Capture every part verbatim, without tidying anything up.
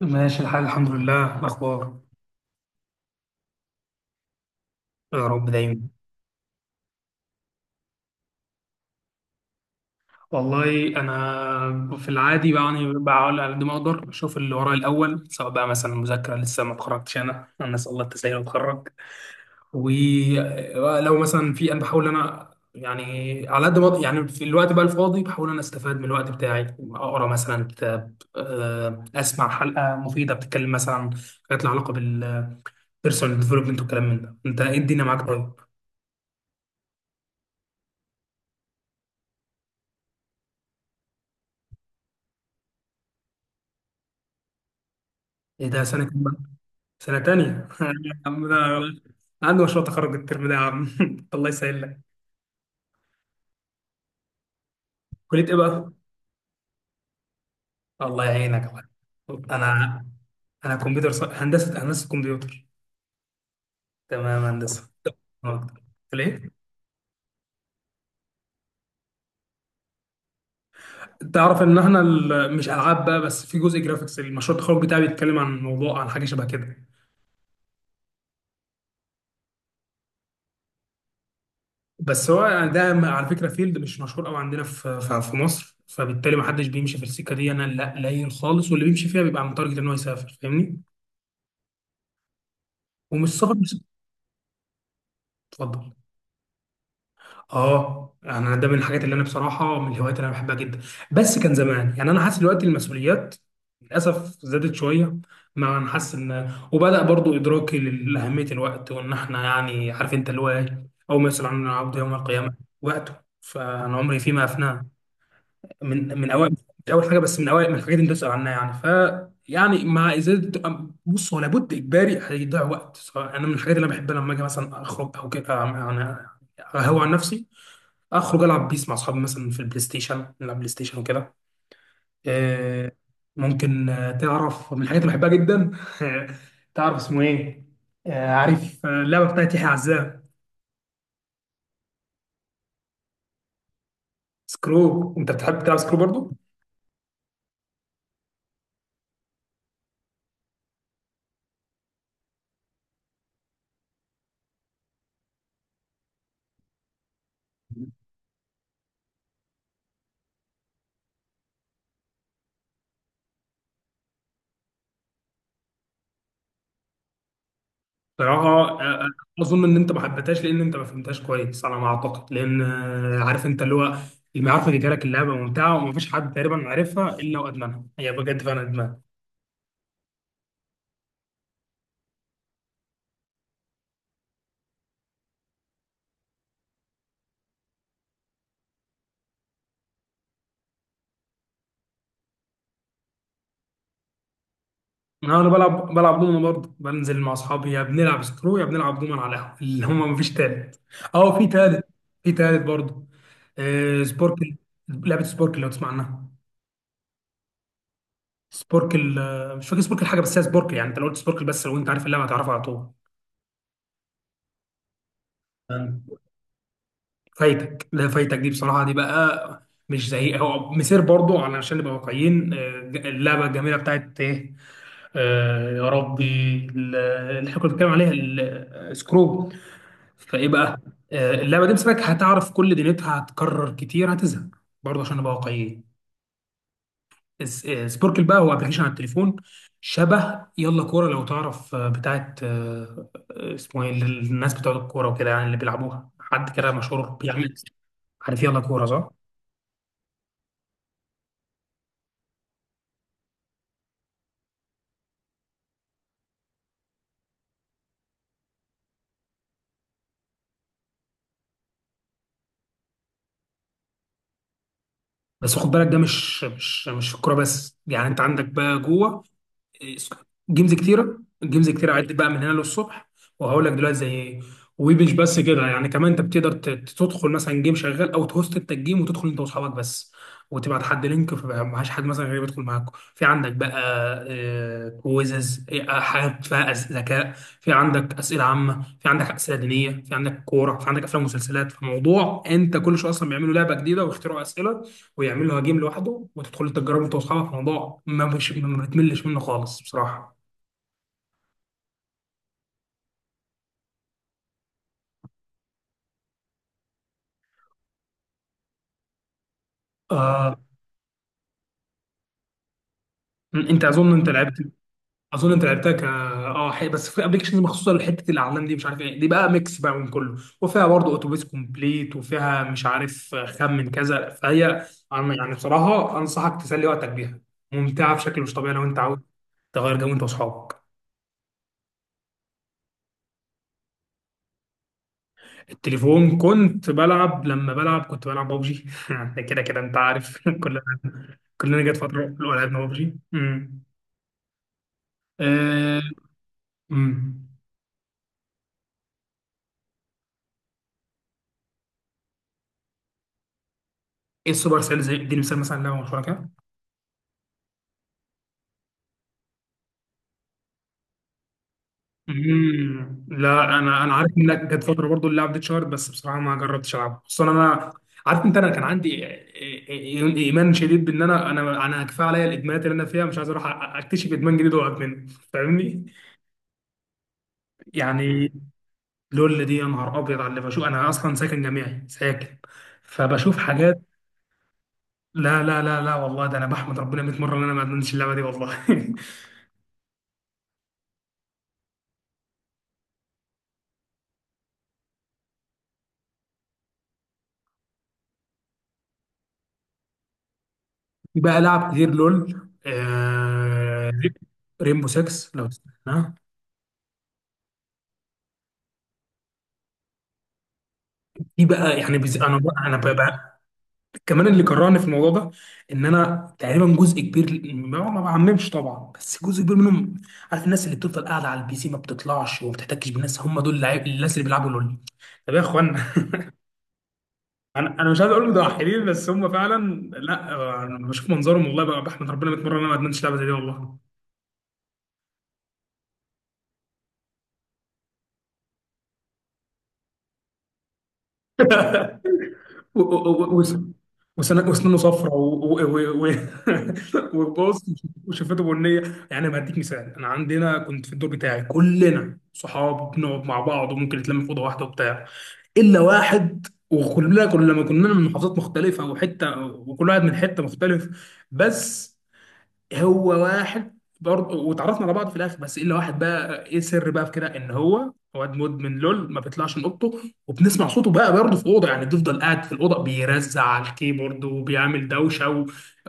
ماشي الحال الحمد لله. إيه الأخبار؟ يا رب دايما. والله أنا في العادي يعني بحاول على قد ما أقدر أشوف اللي ورايا الأول، سواء بقى مثلا مذاكرة. لسه ما اتخرجتش، أنا أنا أسأل الله التسهيل وأتخرج. ولو مثلا في أنا بحاول أنا يعني على قد ما أقدر- يعني في الوقت بقى الفاضي بحاول أنا أستفاد من الوقت بتاعي، أقرأ مثلا كتاب، آه، أسمع حلقة مفيدة بتتكلم مثلا عن حاجات لها علاقة بالبيرسونال ديفلوبمنت والكلام من ده. أنت إيه الدنيا معاك طيب؟ إيه ده، سنة؟ سنة تانية يا عم ده عنده مشروع تخرج الترم ده يا عم الله يسهل لك. كلية ايه بقى؟ الله يعينك يا معلم. انا انا كمبيوتر ص... هندسة هندسة كمبيوتر. تمام هندسة. آه. ليه؟ تعرف ان احنا ال... مش العاب بقى بس، في جزء جرافيكس. المشروع التخرج بتاعي بيتكلم عن موضوع عن حاجه شبه كده. بس هو يعني ده م- على فكره فيلد مش مشهور قوي عندنا في في في مصر، فبالتالي ما حدش بيمشي في السكه دي، انا لا قليل خالص، واللي بيمشي فيها بيبقى متارجت ان هو يسافر، فاهمني؟ ومش سفر بس. اتفضل. اه يعني انا ده من الحاجات اللي انا بصراحه من الهوايات اللي انا بحبها جدا. بس كان زمان. يعني انا حاسس دلوقتي المسؤوليات للاسف زادت شويه. مع ان حاسس ان وبدا برضو ادراكي لاهميه الوقت، وان احنا يعني عارف انت اللي هو ايه اول ما يسال عن العبد يوم القيامه؟ وقته. فانا عمري فيما افناه، من من اوائل، مش اول حاجه بس من اوائل من الحاجات اللي انت تسال عنها يعني. ف يعني مع ازاله. بص هو لابد اجباري هيضيع وقت، سواء انا من الحاجات اللي انا بحبها لما اجي مثلا اخرج او كده يعني. هو عن نفسي اخرج العب بيس مع اصحابي، مثلا في البلاي ستيشن نلعب بلاي ستيشن وكده. آه، ممكن آه، تعرف من الحاجات اللي بحبها جدا تعرف اسمه ايه؟ آه، عارف آه، اللعبه بتاعت يحيى عزام؟ سكرو. انت بتحب تلعب سكرو برضو؟ صراحه آه، آه، اظن ان انت ما حبيتهاش لان انت ما فهمتهاش كويس على ما اعتقد. لان آه، عارف انت اللي هو، اللي ما يعرف يجي لك اللعبه ممتعه ومفيش حد تقريبا عارفها الا وادمنها، هي بجد فعلا ادمان. انا بلعب بلعب دومنا برضه، بنزل مع اصحابي يا بنلعب سكرو يا بنلعب دومنا على القهوه، اللي هم مفيش تالت. اه في تالت، في تالت برضه. آه سبوركل، لعبه سبوركل لو تسمع عنها. سبوركل، آه، مش فاكر سبوركل حاجه بس هي سبوركل يعني انت لو قلت سبوركل بس، لو انت عارف اللعبه هتعرفها على طول. تمام. فايتك، لا فايتك دي بصراحه دي بقى مش زي، هو مسير برضه علشان نبقى واقعيين، آه، اللعبه الجميله بتاعت ايه، آه يا ربي، ال- اللي احنا كنا بنتكلم عليها ال- سكرو. فايه بقى. آه اللعبه دي مسكك، هتعرف كل دنيتها، هتكرر كتير هتزهق برضه عشان نبقى واقعيين. اس- آه، سبوركل بقى هو ابلكيشن على التليفون، شبه يلا كوره لو تعرف، آه، بتاعت آه، آه، اسمه ايه اللي الناس بتوع الكوره وكده يعني اللي بيلعبوها حد كده مشهور بيعمل. عارف يلا كوره صح؟ بس خد بالك ده مش مش مش في الكوره بس، يعني انت عندك بقى جوه جيمز كتيره، جيمز كتيره عدت بقى من هنا للصبح، وهقول لك دلوقتي زي ايه. ومش بس كده يعني، كمان انت بتقدر ت- تدخل مثلا جيم شغال، او تهوست انت الجيم وتدخل انت واصحابك بس، وتبعت حد لينك فبقى معهاش حد مثلا غير يدخل معاكم. في عندك بقى آه، كويزز، إيه، آه، حاجات فيها أس- ذكاء، في عندك اسئله عامه، في عندك اسئله دينيه، في عندك كوره، في عندك افلام ومسلسلات. فموضوع انت كل شويه اصلا بيعملوا لعبه جديده ويخترعوا اسئله ويعمل له جيم لوحده وتدخل تجربه انت واصحابك، موضوع ما مش ما بتملش منه خالص بصراحه. آه انت اظن انت لعبت، اظن انت لعبتها ك اه ح- بس في ابلكيشنز مخصوصه لحته الاعلام دي مش عارف ايه، دي بقى ميكس بقى من كله وفيها برضه اتوبيس كومبليت وفيها مش عارف خمن كذا، فهي أنا يعني بصراحه انصحك تسلي وقتك بيها، ممتعه بشكل مش طبيعي لو انت عاوز تغير جو انت واصحابك. التليفون كنت بلعب، لما بلعب كنت بلعب ببجي كده كده انت عارف كلنا، كلنا جت فتره اللي هو لعبنا ببجي. امم آه، امم ايه السوبر سيل؟ زي اديني مثال مثلا لعبه مشهوره كده. امم، لا انا انا عارف انك جت فتره برضو اللعب دي اتشهرت، بس بصراحه ما جربتش العبها خصوصا انا عارف انت، انا كان عندي إي- إي- ايمان شديد بان انا انا انا كفايه عليا الادمانات اللي انا فيها، مش عايز اروح أ- اكتشف ادمان جديد واقعد منه، فاهمني؟ يعني لول دي يا نهار ابيض على اللي بشوف، انا اصلا ساكن جامعي ساكن، فبشوف حاجات. لا لا لا لا والله ده انا بحمد ربنا مية مره ان انا ما ادمنتش اللعبه دي والله في بقى لعب كتير لول. آه... ريمبو ستة لو تسمعها. في بقى يعني بز... انا بقى انا بقى بقى كمان اللي كرهني في الموضوع ده ان انا تقريبا جزء كبير، ما ما بعممش طبعا بس جزء كبير منهم، عارف الناس اللي بتفضل قاعده على البي سي ما بتطلعش وما بتحتكش بالناس، هم دول اللعيب، الناس اللي بيلعبوا لول. طب يا اخوانا، انا انا مش عايز اقول متوحدين، بس هم فعلا لا آه، انا بشوف منظرهم والله بقى بحمد ربنا مية مره ان انا ما ادمنتش اللعبه زي دي والله و- و- و- وسن- وسنانه صفرا و- و- و- وبص وشفته بنيه. يعني ما اديك مثال، انا عندنا كنت في الدور بتاعي كلنا صحاب، بنقعد مع بعض وممكن نتلم في اوضه واحده وبتاع، الا واحد، وكلنا كل لما كنا من محافظات مختلفه وحته وكل واحد من حته مختلف، بس هو واحد برضه. واتعرفنا على بعض في الاخر، بس الا واحد بقى ايه السر بقى في كده، ان هو واد مدمن لول، ما بيطلعش من اوضته. وبنسمع صوته بقى برضه في اوضه، يعني بيفضل قاعد في الاوضه بيرزع على الكيبورد وبيعمل دوشه،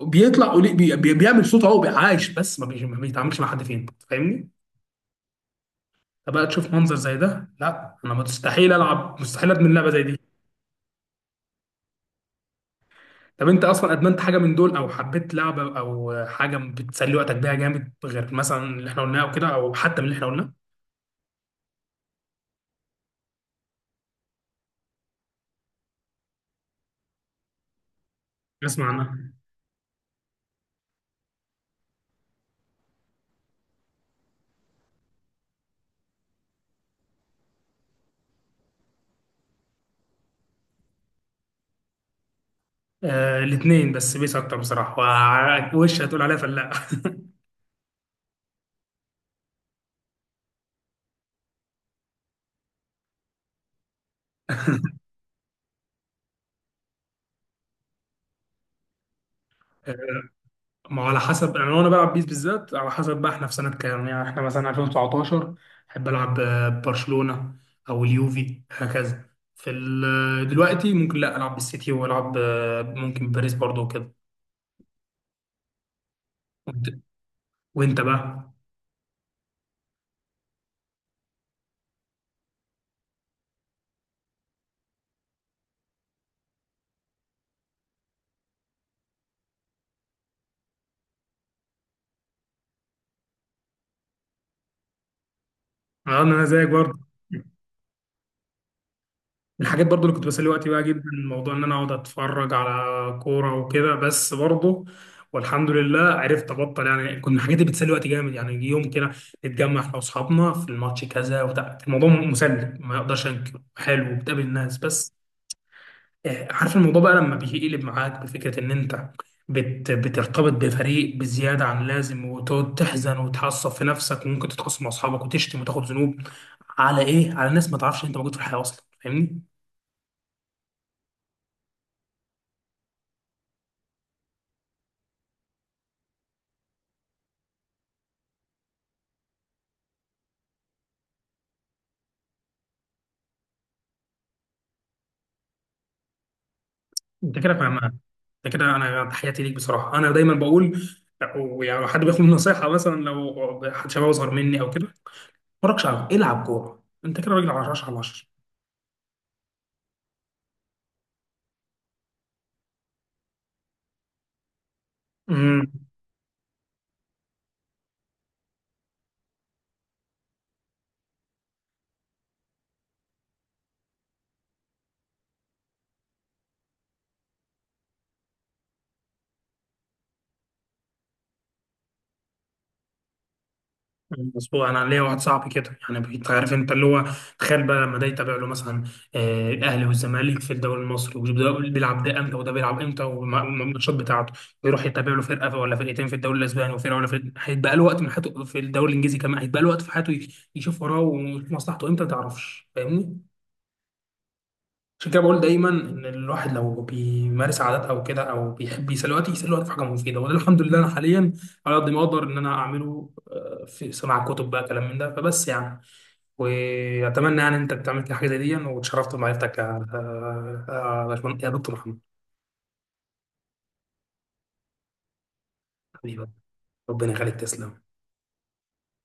وبيطلع قلي- بي- بي- بيعمل صوت اهو عايش، بس ما, بي... ما بيتعاملش مع حد فين، فاهمني؟ فبقى تشوف منظر زي ده، لا انا مستحيل العب، مستحيل ادمن لعبه زي دي. طب انت اصلا ادمنت حاجه من دول او حبيت لعبه او حاجه بتسلي وقتك بيها جامد، غير مثلا اللي احنا قلناه او كده، او حتى من اللي احنا قلناه؟ اسمع عنها. آه الاثنين، بس بيس اكتر بصراحه. وع- وش هتقول عليها فلا؟ آه، ما هو على حسب، انا وانا بلعب بيس بالذات على حسب بقى احنا في سنه كام، يعني احنا مثلا ألفين وتسعتاشر احب العب آه، برشلونه او اليوفي هكذا. في ال- دلوقتي ممكن لا العب بالسيتي والعب آه، ممكن باريس برضو وكده. وانت، وإنت بقى؟ آه، انا زيك برضو. من الحاجات برضو اللي كنت بسلي وقتي بقى جدا، الموضوع ان انا اقعد اتفرج على كوره وكده، بس برضو والحمد لله عرفت ابطل. يعني كنت من الحاجات اللي بتسلي وقتي جامد، يعني يجي يوم كده نتجمع احنا واصحابنا في الماتش كذا وبتاع، الموضوع مسلي ما اقدرش انكر، حلو وبتقابل الناس. بس آه، عارف الموضوع بقى لما بيقلب معاك بفكره ان انت بت بترتبط بفريق بزياده عن اللازم وتقعد تحزن وتعصب في نفسك، وممكن تتخاصم مع اصحابك وتشتم وتاخد ذنوب على ايه، على ناس ما تعرفش إن انت موجود في الحياه اصلا، فاهمني؟ انت كده فاهمها، انت كده انا تحياتي ليك بصراحه. انا دايما بقول يعني حد بياخد مني نصيحه مثلا، لو حد شباب اصغر مني او كده، ما تتفرجش على العب كوره، انت كده راجل على عشرة على عشرة. مظبوط. انا ليا واحد صاحبي كده، يعني انت عارف انت اللي هو، تخيل بقى لما ده يتابع له مثلا آه، الاهلي والزمالك في الدوري المصري، وده بيلعب ده امتى وده بيلعب امتى والم- والماتشات بتاعته، ويروح يتابع له فرقه ولا فرقتين في الدوري الاسباني، وفرقه ولا فرقه هيتبقى له وقت من حياته في الدوري الانجليزي كمان هيتبقى له وقت في حياته، يشوف وراه ومصلحته امتى، ما تعرفش، فاهمني؟ عشان كده بقول دايما ان الواحد لو بيمارس عادات او كده، او بيحب يسلي وقت، يسلي وقت في حاجه مفيده. وده الحمد لله انا حاليا على قد ما اقدر ان انا اعمله آه، في سماع كتب بقى كلام من ده، فبس يعني واتمنى يعني انت بتعمل كده حاجه زي دي. واتشرفت بمعرفتك يا آه، آه، يا باشمهندس- يا دكتور محمد. حبيبي. ربنا يخليك، تسلم.